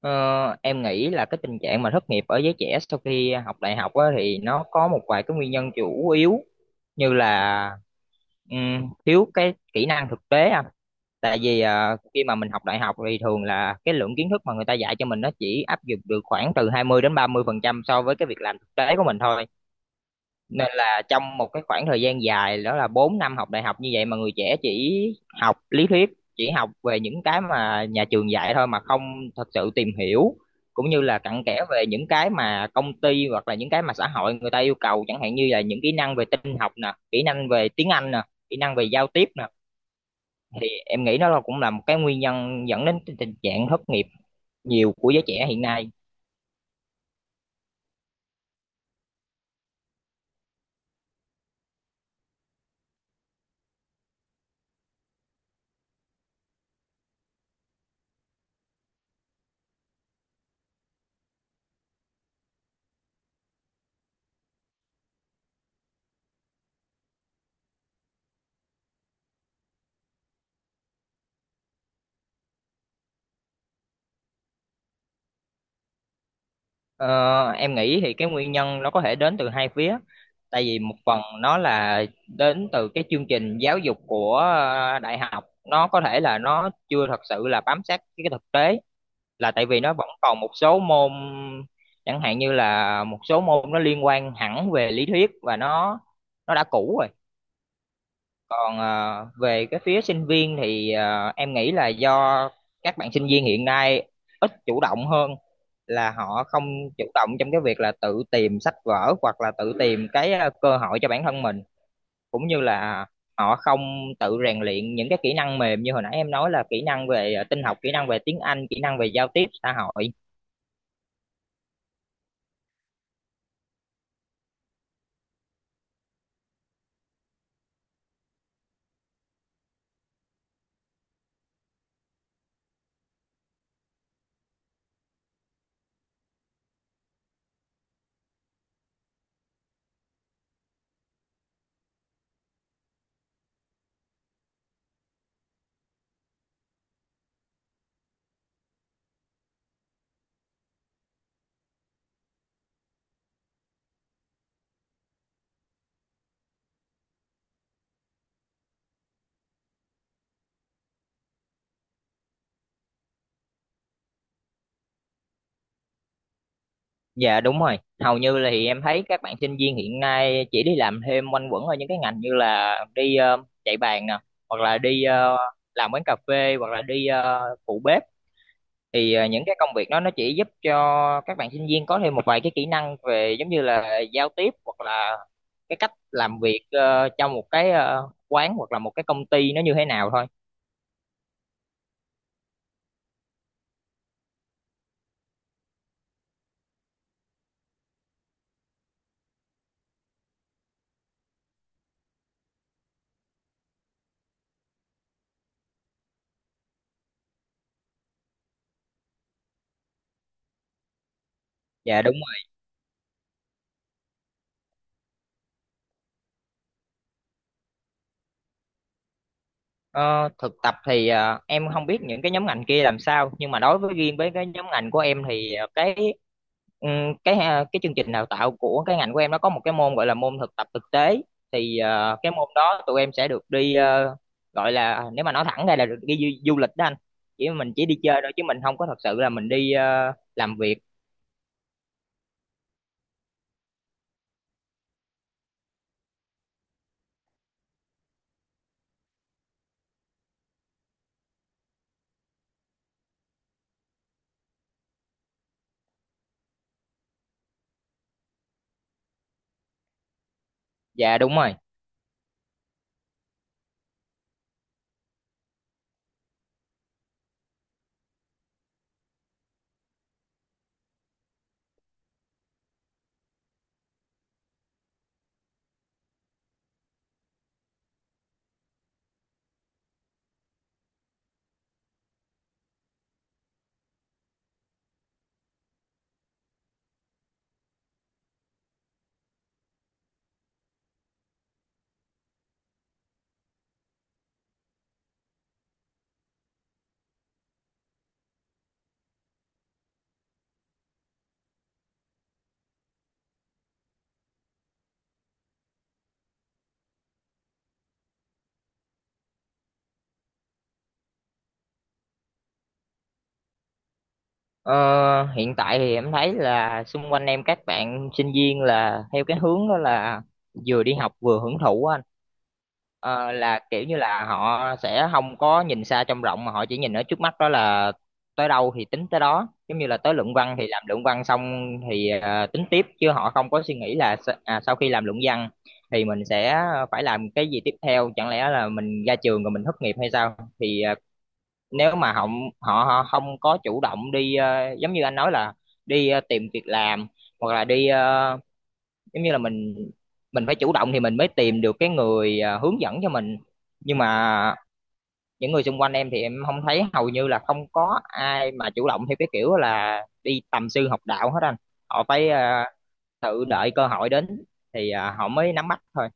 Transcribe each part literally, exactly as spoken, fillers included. Ờ, em nghĩ là cái tình trạng mà thất nghiệp ở giới trẻ sau khi học đại học á, thì nó có một vài cái nguyên nhân chủ yếu như là ừm, thiếu cái kỹ năng thực tế à. Tại vì à, khi mà mình học đại học thì thường là cái lượng kiến thức mà người ta dạy cho mình nó chỉ áp dụng được khoảng từ hai mươi đến ba mươi phần trăm so với cái việc làm thực tế của mình thôi, nên là trong một cái khoảng thời gian dài đó là bốn năm học đại học như vậy mà người trẻ chỉ học lý thuyết, chỉ học về những cái mà nhà trường dạy thôi mà không thật sự tìm hiểu cũng như là cặn kẽ về những cái mà công ty hoặc là những cái mà xã hội người ta yêu cầu, chẳng hạn như là những kỹ năng về tin học nè, kỹ năng về tiếng Anh nè, kỹ năng về giao tiếp nè, thì em nghĩ nó là cũng là một cái nguyên nhân dẫn đến tình trạng thất nghiệp nhiều của giới trẻ hiện nay. Ờ, em nghĩ thì cái nguyên nhân nó có thể đến từ hai phía. Tại vì một phần nó là đến từ cái chương trình giáo dục của ờ, đại học, nó có thể là nó chưa thật sự là bám sát cái thực tế, là tại vì nó vẫn còn một số môn, chẳng hạn như là một số môn nó liên quan hẳn về lý thuyết và nó nó đã cũ rồi. Còn ờ, về cái phía sinh viên thì ờ, em nghĩ là do các bạn sinh viên hiện nay ít chủ động hơn, là họ không chủ động trong cái việc là tự tìm sách vở hoặc là tự tìm cái ờ, cơ hội cho bản thân mình, cũng như là họ không tự rèn luyện những cái kỹ năng mềm như hồi nãy em nói là kỹ năng về ờ, tin học, kỹ năng về tiếng Anh, kỹ năng về giao tiếp xã hội. Dạ đúng rồi, hầu như là thì em thấy các bạn sinh viên hiện nay chỉ đi làm thêm quanh quẩn ở những cái ngành như là đi ờ, chạy bàn nè, hoặc là đi ờ, làm quán cà phê, hoặc là đi ờ, phụ bếp. Thì ờ, những cái công việc đó nó chỉ giúp cho các bạn sinh viên có thêm một vài cái kỹ năng về giống như là giao tiếp hoặc là cái cách làm việc ờ, trong một cái ờ, quán hoặc là một cái công ty nó như thế nào thôi. Dạ đúng rồi. Ờ, Thực tập thì ờ, em không biết những cái nhóm ngành kia làm sao, nhưng mà đối với riêng với cái nhóm ngành của em thì ờ, cái Ừ, cái ha- cái chương trình đào tạo của cái ngành của em nó có một cái môn gọi là môn thực tập thực tế. Thì ờ, cái môn đó tụi em sẽ được đi ờ, gọi là nếu mà nói thẳng ra là được đi du, du lịch đó anh, chỉ mình chỉ đi chơi thôi chứ mình không có thật sự là mình đi ờ, làm việc. Dạ đúng rồi. Ờ, Hiện tại thì em thấy là xung quanh em các bạn sinh viên là theo cái hướng đó là vừa đi học vừa hưởng thụ á anh. Ờ, là kiểu như là họ sẽ không có nhìn xa trông rộng mà họ chỉ nhìn ở trước mắt, đó là tới đâu thì tính tới đó, giống như là tới luận văn thì làm luận văn xong thì ờ, tính tiếp, chứ họ không có suy nghĩ là sa- à, sau khi làm luận văn thì mình sẽ phải làm cái gì tiếp theo, chẳng lẽ là mình ra trường rồi mình thất nghiệp hay sao. Thì ờ, nếu mà họ, họ họ không có chủ động đi ờ, giống như anh nói là đi ờ, tìm việc làm, hoặc là đi ờ, giống như là mình mình phải chủ động thì mình mới tìm được cái người à, hướng dẫn cho mình. Nhưng mà những người xung quanh em thì em không thấy, hầu như là không có ai mà chủ động theo cái kiểu là đi tầm sư học đạo hết anh. Họ phải à, tự đợi cơ hội đến thì à, họ mới nắm bắt thôi.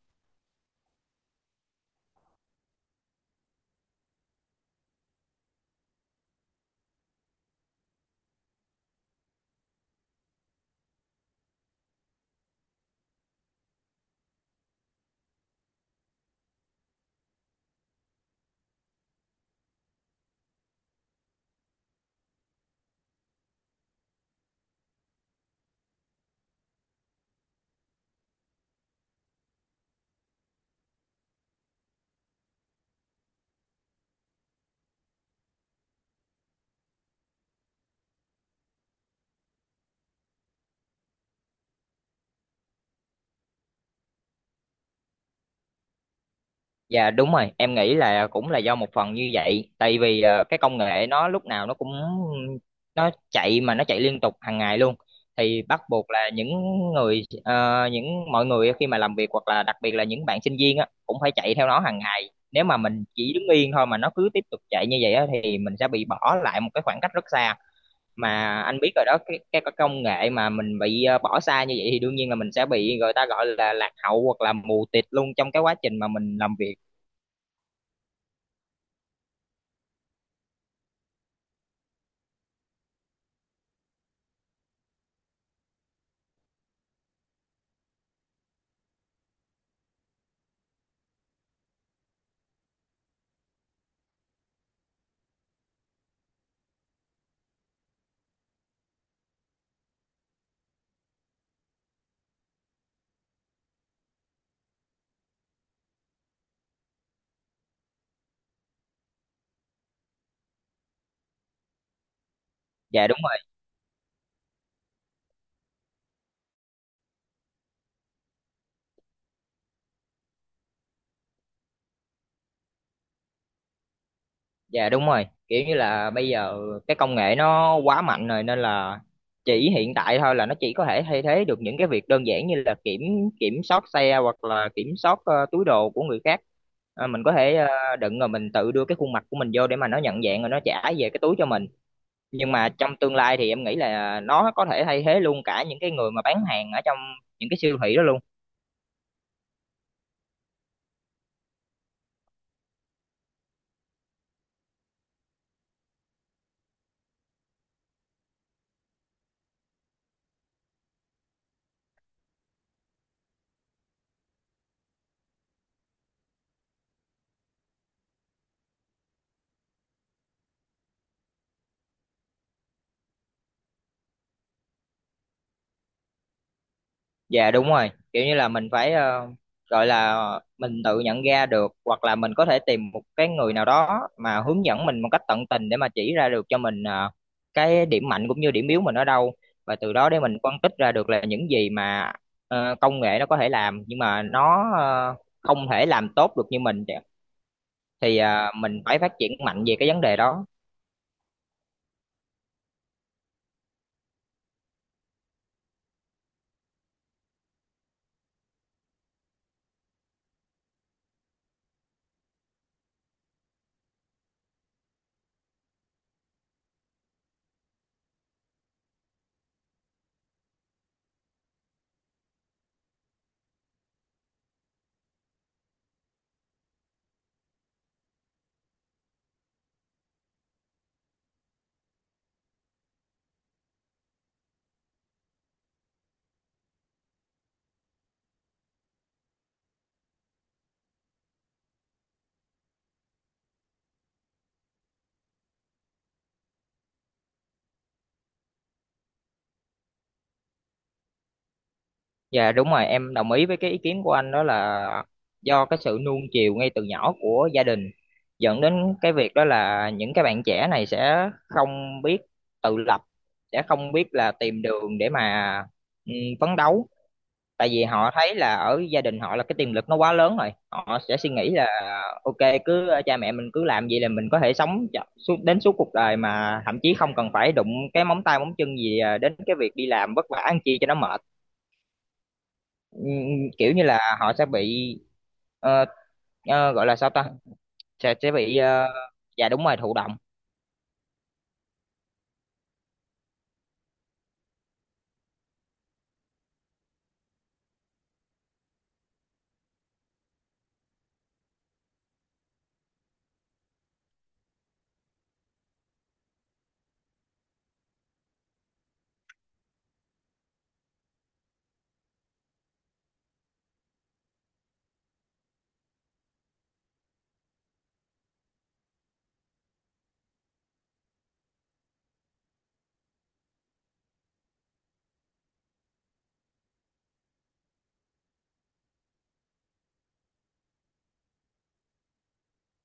Dạ đúng rồi, em nghĩ là cũng là do một phần như vậy, tại vì ờ, cái công nghệ nó lúc nào nó cũng nó chạy, mà nó chạy liên tục hàng ngày luôn, thì bắt buộc là những người ờ, những mọi người khi mà làm việc hoặc là đặc biệt là những bạn sinh viên á cũng phải chạy theo nó hàng ngày. Nếu mà mình chỉ đứng yên thôi mà nó cứ tiếp tục chạy như vậy á thì mình sẽ bị bỏ lại một cái khoảng cách rất xa. Mà anh biết rồi đó, cái cái, cái công nghệ mà mình bị ờ, bỏ xa như vậy thì đương nhiên là mình sẽ bị người ta gọi là lạc hậu hoặc là mù tịt luôn trong cái quá trình mà mình làm việc. Dạ đúng rồi. Dạ đúng rồi, kiểu như là bây giờ cái công nghệ nó quá mạnh rồi nên là chỉ hiện tại thôi là nó chỉ có thể thay thế được những cái việc đơn giản như là kiểm kiểm soát xe hoặc là kiểm soát ờ, túi đồ của người khác. Ờ, mình có thể ờ, đựng rồi mình tự đưa cái khuôn mặt của mình vô để mà nó nhận dạng rồi nó trả về cái túi cho mình, nhưng mà trong tương lai thì em nghĩ là nó có thể thay thế luôn cả những cái người mà bán hàng ở trong những cái siêu thị đó luôn. Dạ đúng rồi, kiểu như là mình phải ờ, gọi là mình tự nhận ra được hoặc là mình có thể tìm một cái người nào đó mà hướng dẫn mình một cách tận tình để mà chỉ ra được cho mình ờ, cái điểm mạnh cũng như điểm yếu mình ở đâu, và từ đó để mình phân tích ra được là những gì mà ờ, công nghệ nó có thể làm nhưng mà nó ờ, không thể làm tốt được như mình, thì ờ, mình phải phát triển mạnh về cái vấn đề đó. Dạ đúng rồi, em đồng ý với cái ý kiến của anh, đó là do cái sự nuông chiều ngay từ nhỏ của gia đình dẫn đến cái việc đó là những cái bạn trẻ này sẽ không biết tự lập, sẽ không biết là tìm đường để mà ừ, phấn đấu. Tại vì họ thấy là ở gia đình họ là cái tiềm lực nó quá lớn rồi, họ sẽ suy nghĩ là ok, cứ ờ, cha mẹ mình cứ làm vậy là mình có thể sống cho- suốt đến suốt cuộc đời, mà thậm chí không cần phải đụng cái móng tay móng chân gì à, đến cái việc đi làm vất vả ăn chi cho nó mệt. Ừm, Kiểu như là họ sẽ bị ờ, ờ, gọi là sao ta? Sẽ sẽ bị ờ, dạ đúng rồi, thụ động.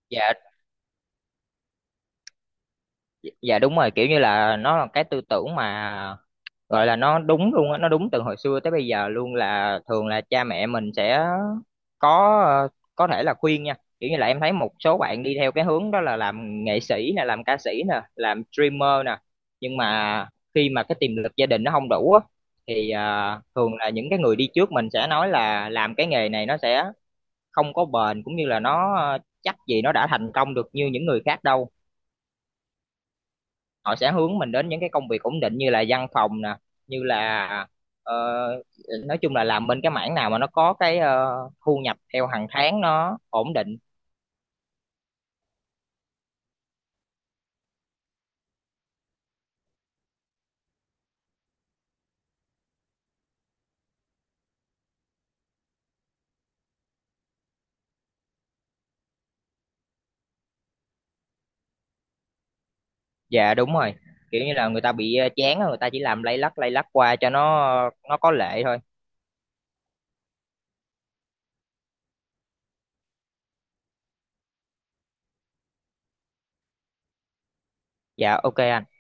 Dạ, dạ đúng rồi, kiểu như là nó là cái tư tưởng mà gọi là nó đúng luôn á, nó đúng từ hồi xưa tới bây giờ luôn, là thường là cha mẹ mình sẽ có ờ, có thể là khuyên nha, kiểu như là em thấy một số bạn đi theo cái hướng đó là làm nghệ sĩ nè, làm ca sĩ nè, làm streamer nè, nhưng mà khi mà cái tiềm lực gia đình nó không đủ á thì ờ, thường là những cái người đi trước mình sẽ nói là làm cái nghề này nó sẽ không có bền, cũng như là nó ờ, chắc gì nó đã thành công được như những người khác đâu. Họ sẽ hướng mình đến những cái công việc ổn định như là văn phòng nè, như là ờ, nói chung là làm bên cái mảng nào mà nó có cái ờ, thu nhập theo hàng tháng nó ổn định. Dạ đúng rồi, kiểu như là người ta bị ờ, chán á, người ta chỉ làm lay lắt lay lắt qua cho nó nó có lệ thôi. Dạ ok anh.